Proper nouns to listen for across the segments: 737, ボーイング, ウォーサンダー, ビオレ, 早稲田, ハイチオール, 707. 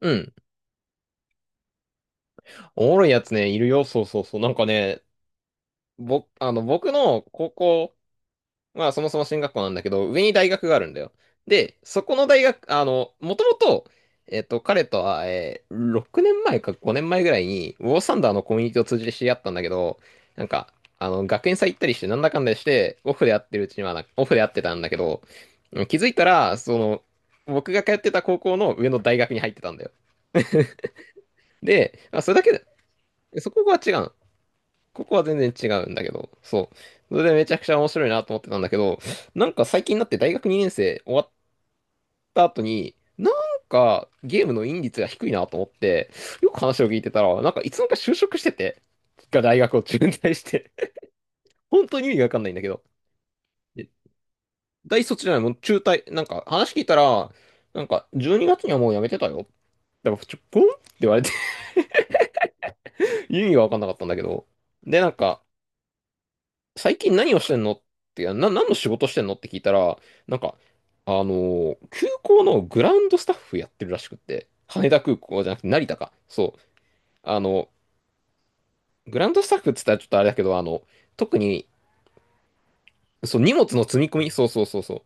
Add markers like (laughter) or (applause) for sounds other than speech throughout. うん。おもろいやつね、いるよ。そうそうそう。なんかね、ぼ、あの、僕の高校、まあそもそも進学校なんだけど、上に大学があるんだよ。で、そこの大学、もともと、彼とは、6年前か5年前ぐらいに、ウォーサンダーのコミュニティを通じて知り合ったんだけど、なんか、学園祭行ったりして、なんだかんだして、オフで会ってたんだけど、気づいたら、その、僕が通ってた高校の上の大学に入ってたんだよ。で、まあ、それだけで、そこが違うの。ここは全然違うんだけど、そう。それでめちゃくちゃ面白いなと思ってたんだけど、なんか最近になって大学2年生終わった後に、なんかゲームのイン率が低いなと思って、よく話を聞いてたら、なんかいつの間にか就職してて、が大学を中退して、本当に意味がわかんないんだけど、で大卒じゃない、もう中退、なんか話聞いたら、なんか12月にがつにはもう辞めてたよ。でも、ポンって言われて (laughs) 意味がわかんなかったんだけど、で、なんか、最近何をしてんのってな、何の仕事してんのって聞いたら、なんか、空港のグラウンドスタッフやってるらしくって、羽田空港じゃなくて成田か。そう。あの、グラウンドスタッフって言ったらちょっとあれだけど、特に、そう、荷物の積み込み、そうそうそうそ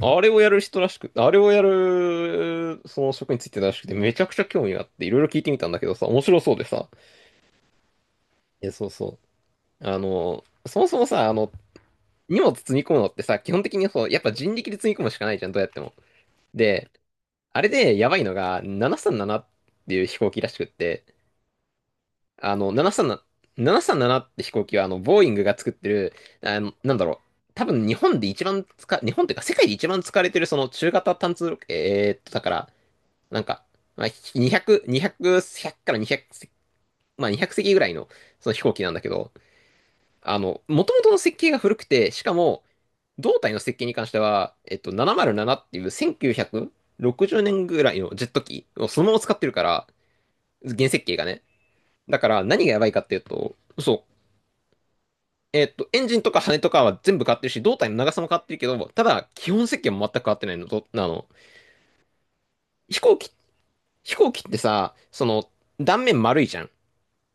う。あれをやる人らしく、あれをやる、その職についてたらしくて、めちゃくちゃ興味があって、いろいろ聞いてみたんだけどさ、面白そうでさ。え、そうそう。そもそもさ、荷物積み込むのってさ、基本的にそう、やっぱ人力で積み込むしかないじゃん、どうやっても。で、あれでやばいのが、737っていう飛行機らしくって、あの、737、737って飛行機は、ボーイングが作ってる、あの、なんだろ多分日本で一番使、日本っていうか世界で一番使われてるその中型単通、だから、なんか、まあ、200、200、100から200、まあ200席ぐらいのその飛行機なんだけど、元々の設計が古くて、しかも、胴体の設計に関しては、707っていう1960年ぐらいのジェット機をそのまま使ってるから、原設計がね。だから何がやばいかっていうと、そう。エンジンとか羽とかは全部変わってるし、胴体の長さも変わってるけど、ただ、基本設計も全く変わってないの。とあの、飛行機、飛行機ってさ、その、断面丸いじゃん。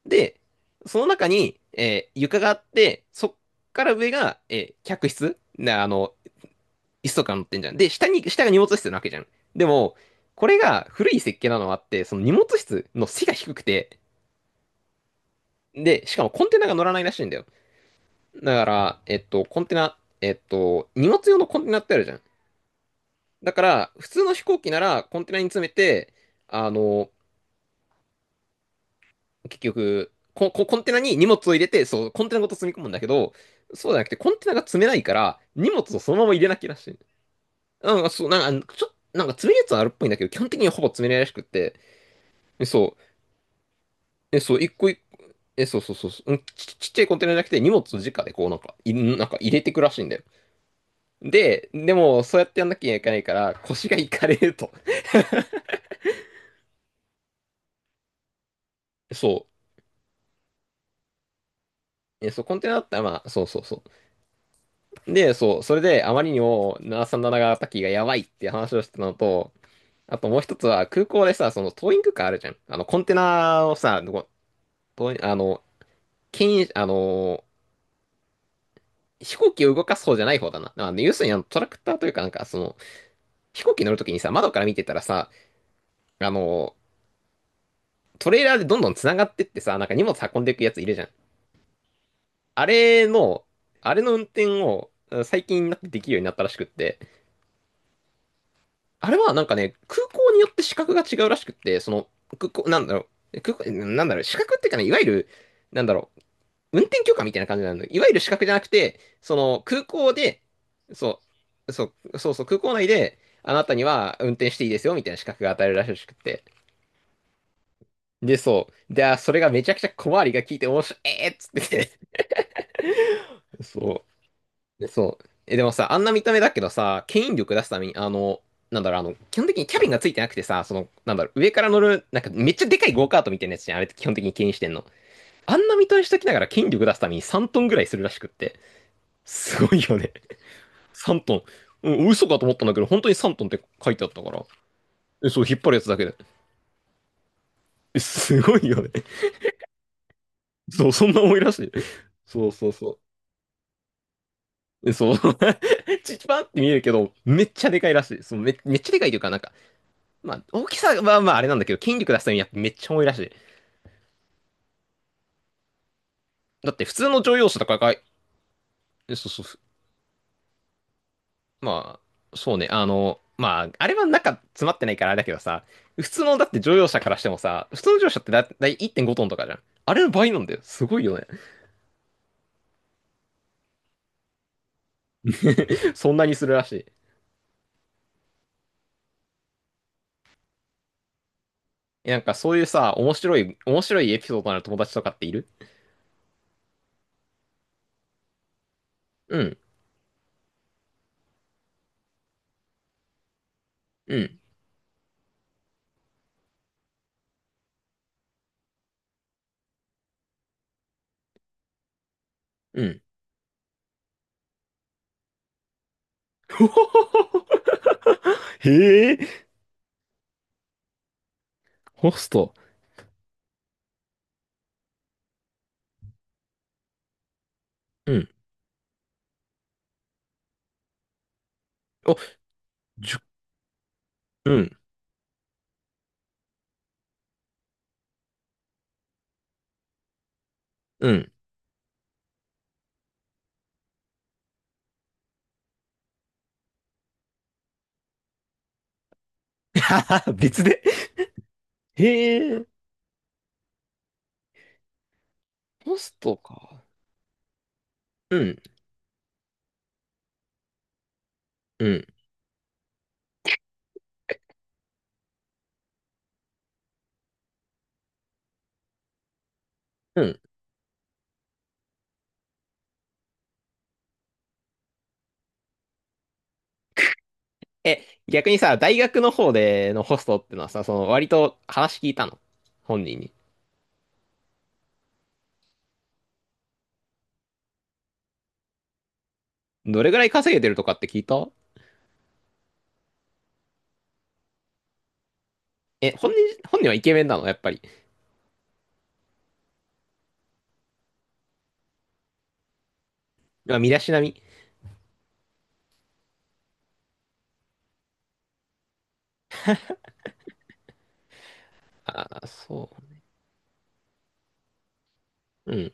で、その中に、床があって、そっから上が、客室な椅子とか乗ってんじゃん。で、下が荷物室なわけじゃん。でも、これが古い設計なのはあって、その荷物室の背が低くて、で、しかもコンテナが乗らないらしいんだよ。だから、コンテナ、荷物用のコンテナってあるじゃん。だから、普通の飛行機ならコンテナに詰めて、あの、結局、コンテナに荷物を入れて、そう、コンテナごと積み込むんだけど、そうじゃなくて、コンテナが積めないから、荷物をそのまま入れなきゃらしい。なんか、そう、なんか、ちょっと、なんか詰めるやつはあるっぽいんだけど、基本的にはほぼ詰めないらしくって。そう。え、そう、一個一個、え、そうそうそうそう、うん、ちっちゃいコンテナじゃなくて荷物を直でこうなんか、なんか入れてくらしいんだよ。で、でもそうやってやんなきゃいけないから腰がいかれると。(laughs) そう。え、そう、コンテナだったらまあ、そうそうそう。で、そう、それであまりにも737型機がタキがやばいっていう話をしてたのと、あともう一つは空港でさ、そのトーイングカーあるじゃん。コンテナをさ、トーインあの、牽引、飛行機を動かす方じゃない方だな。要するにトラクターというかなんかその、飛行機乗るときにさ、窓から見てたらさ、あの、トレーラーでどんどん繋がってってさ、なんか荷物運んでいくやついるじゃん。あれの、あれの運転を最近になってできるようになったらしくって、あれはなんかね、空港によって資格が違うらしくって、その、空港、資格っていうかね、いわゆる、なんだろう、運転許可みたいな感じなの。いわゆる資格じゃなくて、その、空港で、そう、そう、そうそう、空港内で、あなたには運転していいですよ、みたいな資格が与えるらしくって。で、そう。で、それがめちゃくちゃ小回りが効いて面白い、えーっつっててそう。そう。え、でもさ、あんな見た目だけどさ、牽引力出すために、基本的にキャビンがついてなくてさ、その、上から乗る、なんかめっちゃでかいゴーカートみたいなやつじゃん、あれって基本的に牽引してんの。あんな見た目しときながら牽引力出すために3トンぐらいするらしくって。すごいよね。(laughs) 3トン。うん、嘘かと思ったんだけど、本当に3トンって書いてあったから。え、そう、引っ張るやつだけで。え、すごいよね。そう、そんな重いらしい。そうそうそう。えそう。(laughs) ちチパって見えるけど、めっちゃでかいらしい。そうめっちゃでかいというか、なんか、まあ、大きさはまあまあれなんだけど、筋力出すためにやっぱめっちゃ重いらしい。だって普通の乗用車とかが、そうそう、まあ、そうね、まあ、あれは中詰まってないからあれだけどさ、普通のだって乗用車からしてもさ、普通の乗用車ってだだい1.5トンとかじゃん。あれの倍なんだよ。すごいよね。(laughs) そんなにするらしい。えそういうさ、面白いエピソードのある友達とかっているうん、うん、うん。(laughs) へえ、ホスト。うん。お、じゅ、うん、うん。(laughs) 別でへえ、ホストか。うん、うん、うん。え、逆にさ、大学の方でのホストってのはさ、その割と話聞いたの本人に。どれぐらい稼げてるとかって聞いたえ、本人はイケメンなのやっぱり。まあ、身だしなみ。ああ、そう。うん。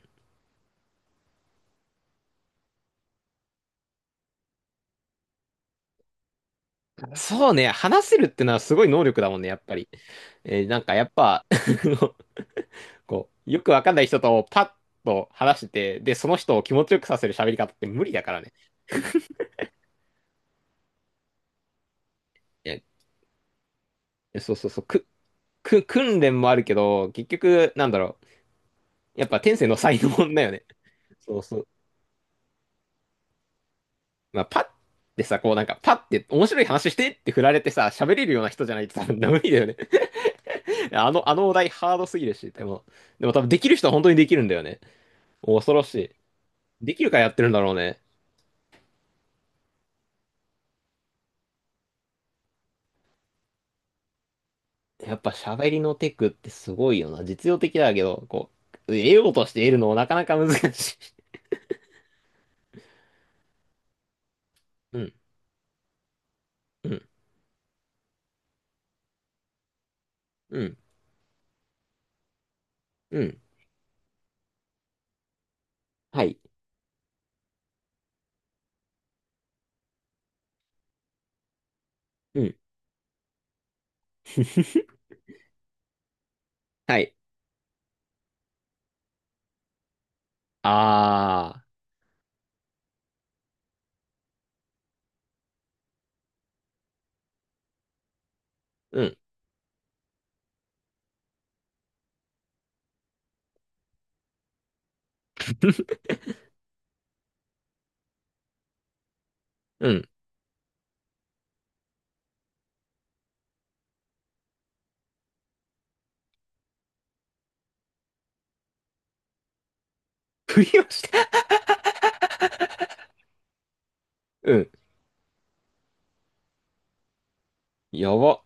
そうね、話せるってのはすごい能力だもんね、やっぱり。なんかやっぱ (laughs) こう、よくわかんない人とパッと話してて、で、その人を気持ちよくさせる喋り方って無理だからね。えそうそうそう。訓練もあるけど、結局、なんだろう。やっぱ天性の才能だよね。そうそう。まあ、パッってさ、こうなんか、パッって面白い話してって振られてさ、喋れるような人じゃないと多分無理だよね。(laughs) あのお題ハードすぎるし、でも多分できる人は本当にできるんだよね。恐ろしい。できるからやってるんだろうね。やっぱ喋りのテクってすごいよな。実用的だけど、こう、得ようとして得るのもなかなか難しい。(laughs) うん、うん、うん、うん。はい、うん。(laughs) はい。あー、うん。(laughs) うん。振りをして、うん。やば。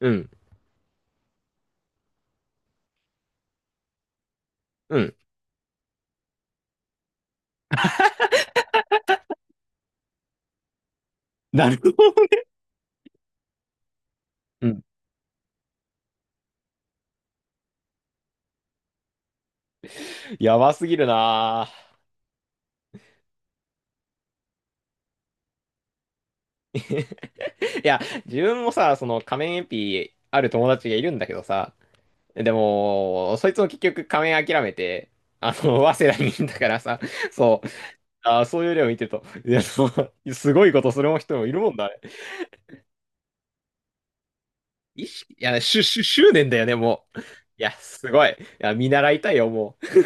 うん。うん。なるほどね。うんやばすぎるなぁ (laughs) いや、自分もさ、その仮面エピある友達がいるんだけどさ、でも、そいつも結局仮面諦めて、あの、早稲田にいるんだからさ、そう、あそういう例を見てると、いや、そうすごいことする人もいるもんだ、ねいや、しゅ、しゅ、執念だよね、もう。いや、すごい。いや、見習いたいよ、もう。